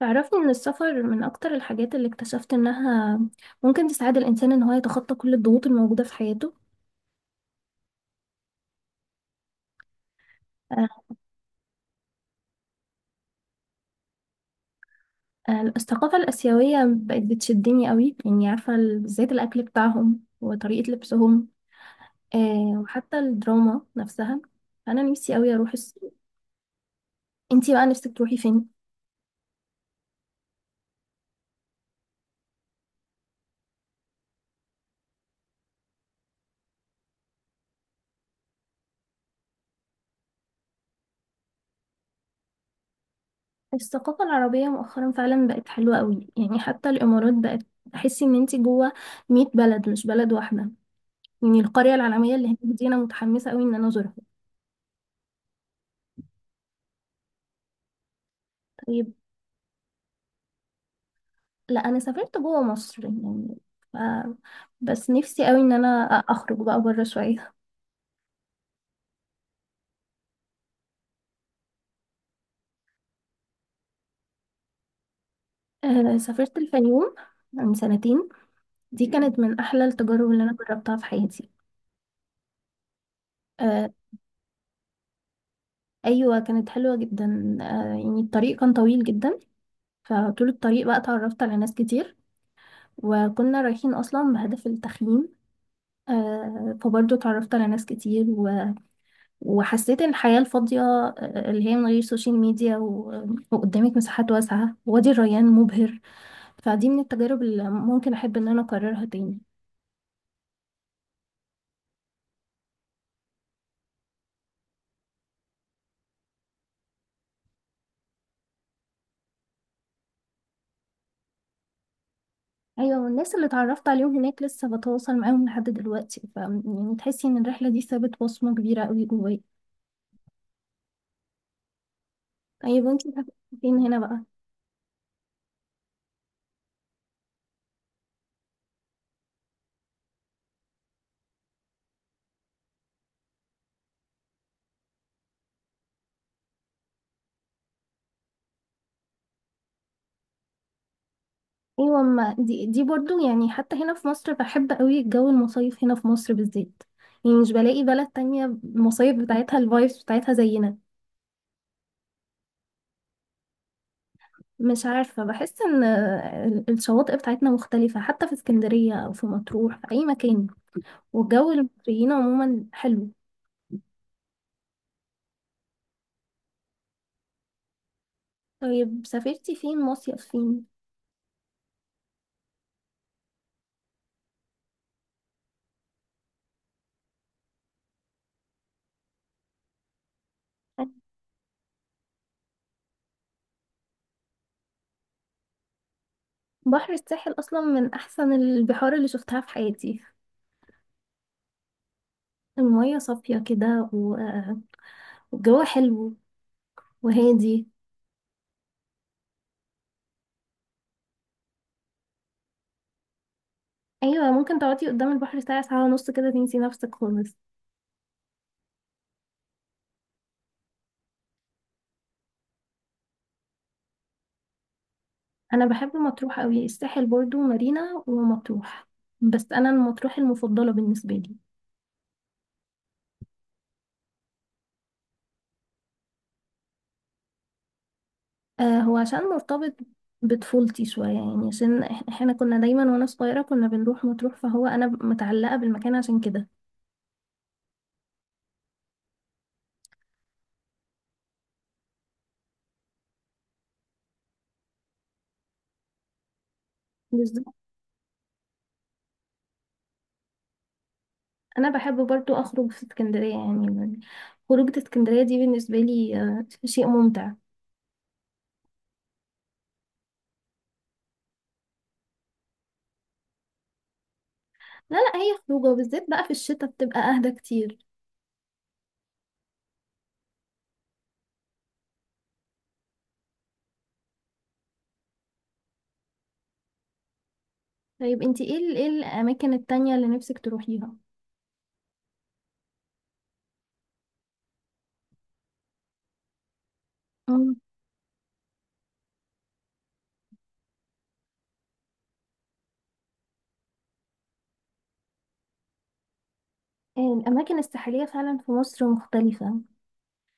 تعرفني ان السفر من اكتر الحاجات اللي اكتشفت انها ممكن تساعد الانسان ان هو يتخطى كل الضغوط الموجودة في حياته. آه، الثقافة الآسيوية بقت بتشدني قوي، يعني عارفة بالذات الأكل بتاعهم وطريقة لبسهم. وحتى الدراما نفسها. أنا نفسي قوي أروح الصين. انتي بقى نفسك تروحي فين؟ الثقافة العربية مؤخرا فعلا بقت حلوة قوي، يعني حتى الإمارات بقت تحسي إن انتي جوه 100 بلد مش بلد واحدة. يعني القرية العالمية اللي هناك دي أنا متحمسة قوي إن أنا أزورها. طيب. لا انا سافرت جوه مصر يعني. ف... بس نفسي قوي ان انا اخرج بقى بره شويه. سافرت الفيوم من سنتين. دي كانت من احلى التجارب اللي انا جربتها في حياتي. آه ايوه كانت حلوه جدا، يعني الطريق كان طويل جدا. فطول الطريق بقى اتعرفت على ناس كتير، وكنا رايحين اصلا بهدف التخييم. فبرضه اتعرفت على ناس كتير وحسيت إن الحياة الفاضية، اللي هي من غير سوشيال ميديا وقدامك مساحات واسعة. وادي الريان مبهر. فدي من التجارب اللي ممكن احب ان انا اكررها تاني. ايوه، والناس اللي اتعرفت عليهم هناك لسه بتواصل معاهم لحد دلوقتي، ف يعني تحسي ان الرحله دي سابت بصمه كبيره قوي جوايا. طيب، وانتي سافرتي فين هنا بقى؟ ايوه، ما دي برضو، يعني حتى هنا في مصر بحب قوي جو المصايف هنا في مصر بالذات. يعني مش بلاقي بلد تانية المصايف بتاعتها الفايبس بتاعتها زينا. مش عارفة، بحس ان الشواطئ بتاعتنا مختلفة، حتى في اسكندرية او في مطروح، في اي مكان. والجو المصريين عموما حلو. طيب، سافرتي فين مصيف فين؟ بحر الساحل اصلا من احسن البحار اللي شفتها في حياتي. المية صافية كده، والجو حلو وهادي. ايوه ممكن تقعدي قدام البحر ساعة ساعة ونص كده، تنسي نفسك خالص. انا بحب مطروح قوي، الساحل برضو مارينا ومطروح، بس انا مطروح المفضلة بالنسبة لي. آه هو عشان مرتبط بطفولتي شوية، يعني عشان احنا كنا دايما وانا صغيرة كنا بنروح مطروح، فهو انا متعلقة بالمكان عشان كده. بالظبط. انا بحب برضو اخرج في اسكندريه يعني. خروجة اسكندريه دي بالنسبه لي شيء ممتع. لا لا، هي خروجه وبالذات بقى في الشتاء بتبقى اهدى كتير. طيب انتي ايه ايه الاماكن التانية اللي نفسك تروحيها؟ مم. الاماكن الساحليه فعلا في مصر مختلفه.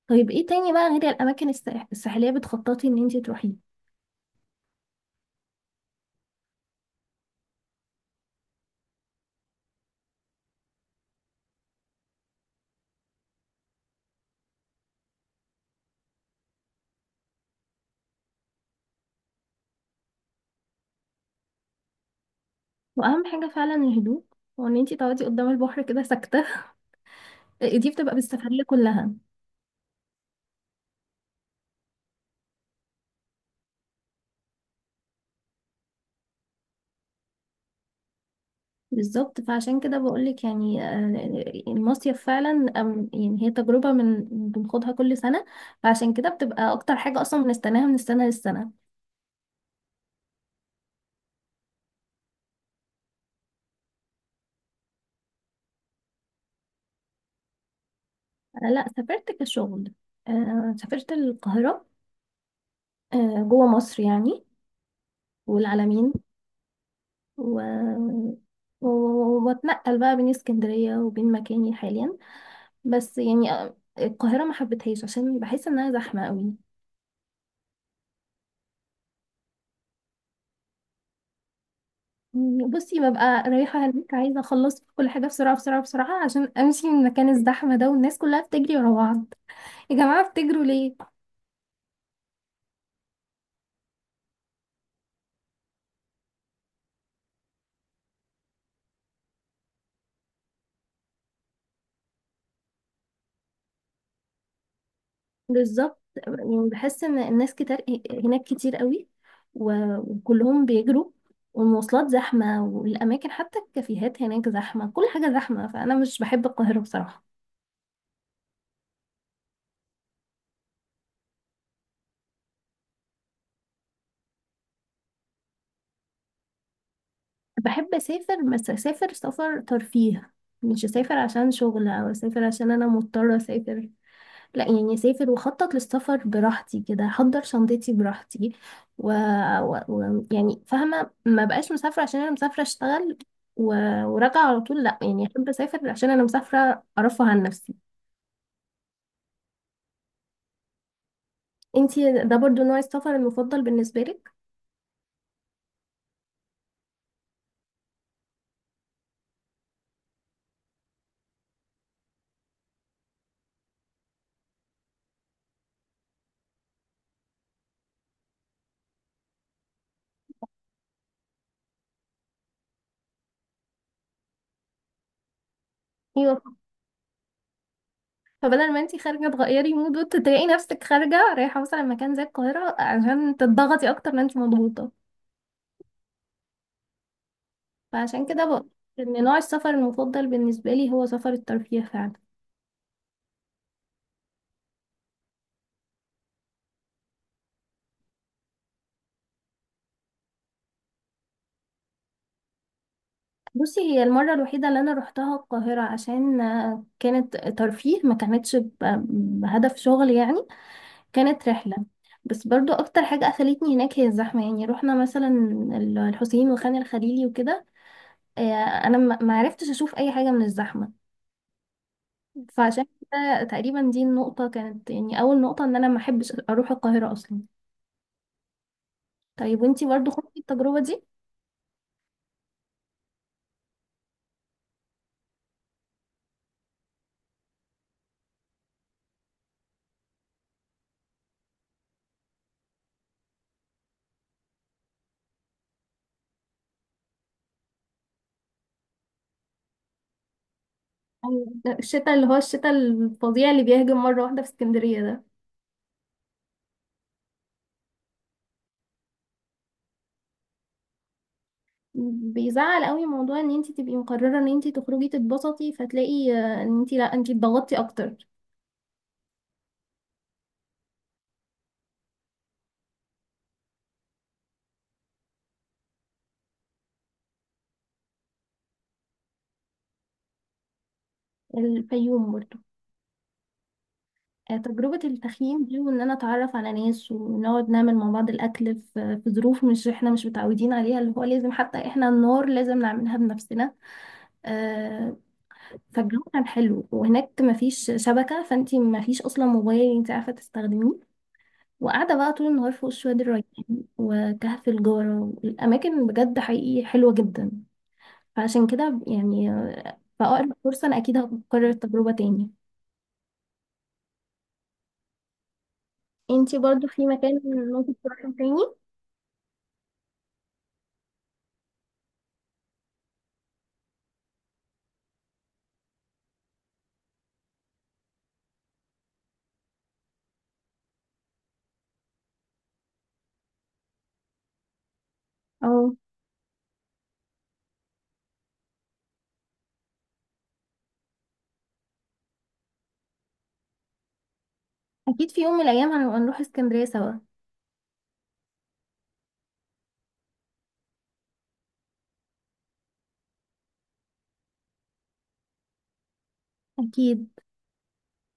طيب ايه تاني بقى غير الاماكن الساحليه بتخططي ان انتي تروحيه؟ واهم حاجه فعلا الهدوء، وان انتي تقعدي قدام البحر كده ساكته دي بتبقى بالسفريه كلها. بالظبط، فعشان كده بقولك، يعني المصيف فعلا، يعني هي تجربة من بنخوضها كل سنة. فعشان كده بتبقى أكتر حاجة أصلا بنستناها من السنة للسنة. أنا لأ سافرت كشغل. سافرت القاهرة، جوه مصر يعني، والعلمين و... وبتنقل بقى بين اسكندرية وبين مكاني حاليا. بس يعني القاهرة ما حبيتهاش عشان بحس إنها زحمة قوي. بصي ببقى رايحة هناك عايزة أخلص كل حاجة بسرعة بسرعة بسرعة عشان أمشي من مكان الزحمة ده، والناس كلها بتجري ورا بعض. يا جماعة بتجروا ليه؟ بالظبط. يعني بحس إن الناس كتير هناك كتير قوي، وكلهم بيجروا، والمواصلات زحمة، والأماكن حتى الكافيهات هناك زحمة، كل حاجة زحمة، فأنا مش بحب القاهرة بصراحة. بحب أسافر، بس أسافر سفر ترفيه. مش أسافر عشان شغل، أو أسافر عشان أنا مضطرة أسافر. لا يعني اسافر واخطط للسفر براحتي كده، احضر شنطتي براحتي، و... يعني فاهمه ما بقاش مسافره عشان انا مسافره اشتغل و... وراجعه على طول. لا يعني احب اسافر عشان انا مسافره ارفه عن نفسي. انتي ده برضو نوع السفر المفضل بالنسبه لك؟ ايوه، فبدل ما انتي خارجه تغيري مود، وتلاقي نفسك خارجه رايحه مثلا مكان زي القاهره عشان تضغطي اكتر ما انتي مضغوطه. فعشان كده بقول ان نوع السفر المفضل بالنسبه لي هو سفر الترفيه فعلا. بصي هي المرة الوحيدة اللي أنا روحتها القاهرة عشان كانت ترفيه ما كانتش بهدف شغل يعني. كانت رحلة، بس برضو أكتر حاجة قفلتني هناك هي الزحمة. يعني روحنا مثلا الحسين وخان الخليلي وكده، آه، أنا ما عرفتش أشوف أي حاجة من الزحمة. فعشان كده تقريبا دي النقطة كانت يعني أول نقطة إن أنا ما أحبش أروح القاهرة أصلا. طيب وانتي برضو خدتي التجربة دي؟ أيوة. الشتاء اللي هو الشتاء الفظيع اللي بيهجم مرة واحدة في اسكندرية ده بيزعل قوي. موضوع ان انت تبقي مقرره ان انت تخرجي تتبسطي، فتلاقي ان انت لا، انت اتضغطتي اكتر. الفيوم برضه. تجربه التخييم دي وان انا اتعرف على ناس ونقعد نعمل مع بعض الاكل في ظروف مش احنا مش متعودين عليها، اللي هو لازم حتى احنا النار لازم نعملها بنفسنا. آه، فالجو كان حلو وهناك مفيش شبكه، فانت مفيش اصلا موبايل انت عارفه تستخدميه. وقاعده بقى طول النهار فوق شويه الريان وكهف الجارة، والأماكن بجد حقيقي حلوة جدا. فعشان كده يعني في أقرب فرصة أنا أكيد هكرر التجربة تاني. انتي برضو في مكان ممكن تروحي تاني؟ أو أكيد في يوم من الأيام هنبقى نروح اسكندرية سوا. أكيد.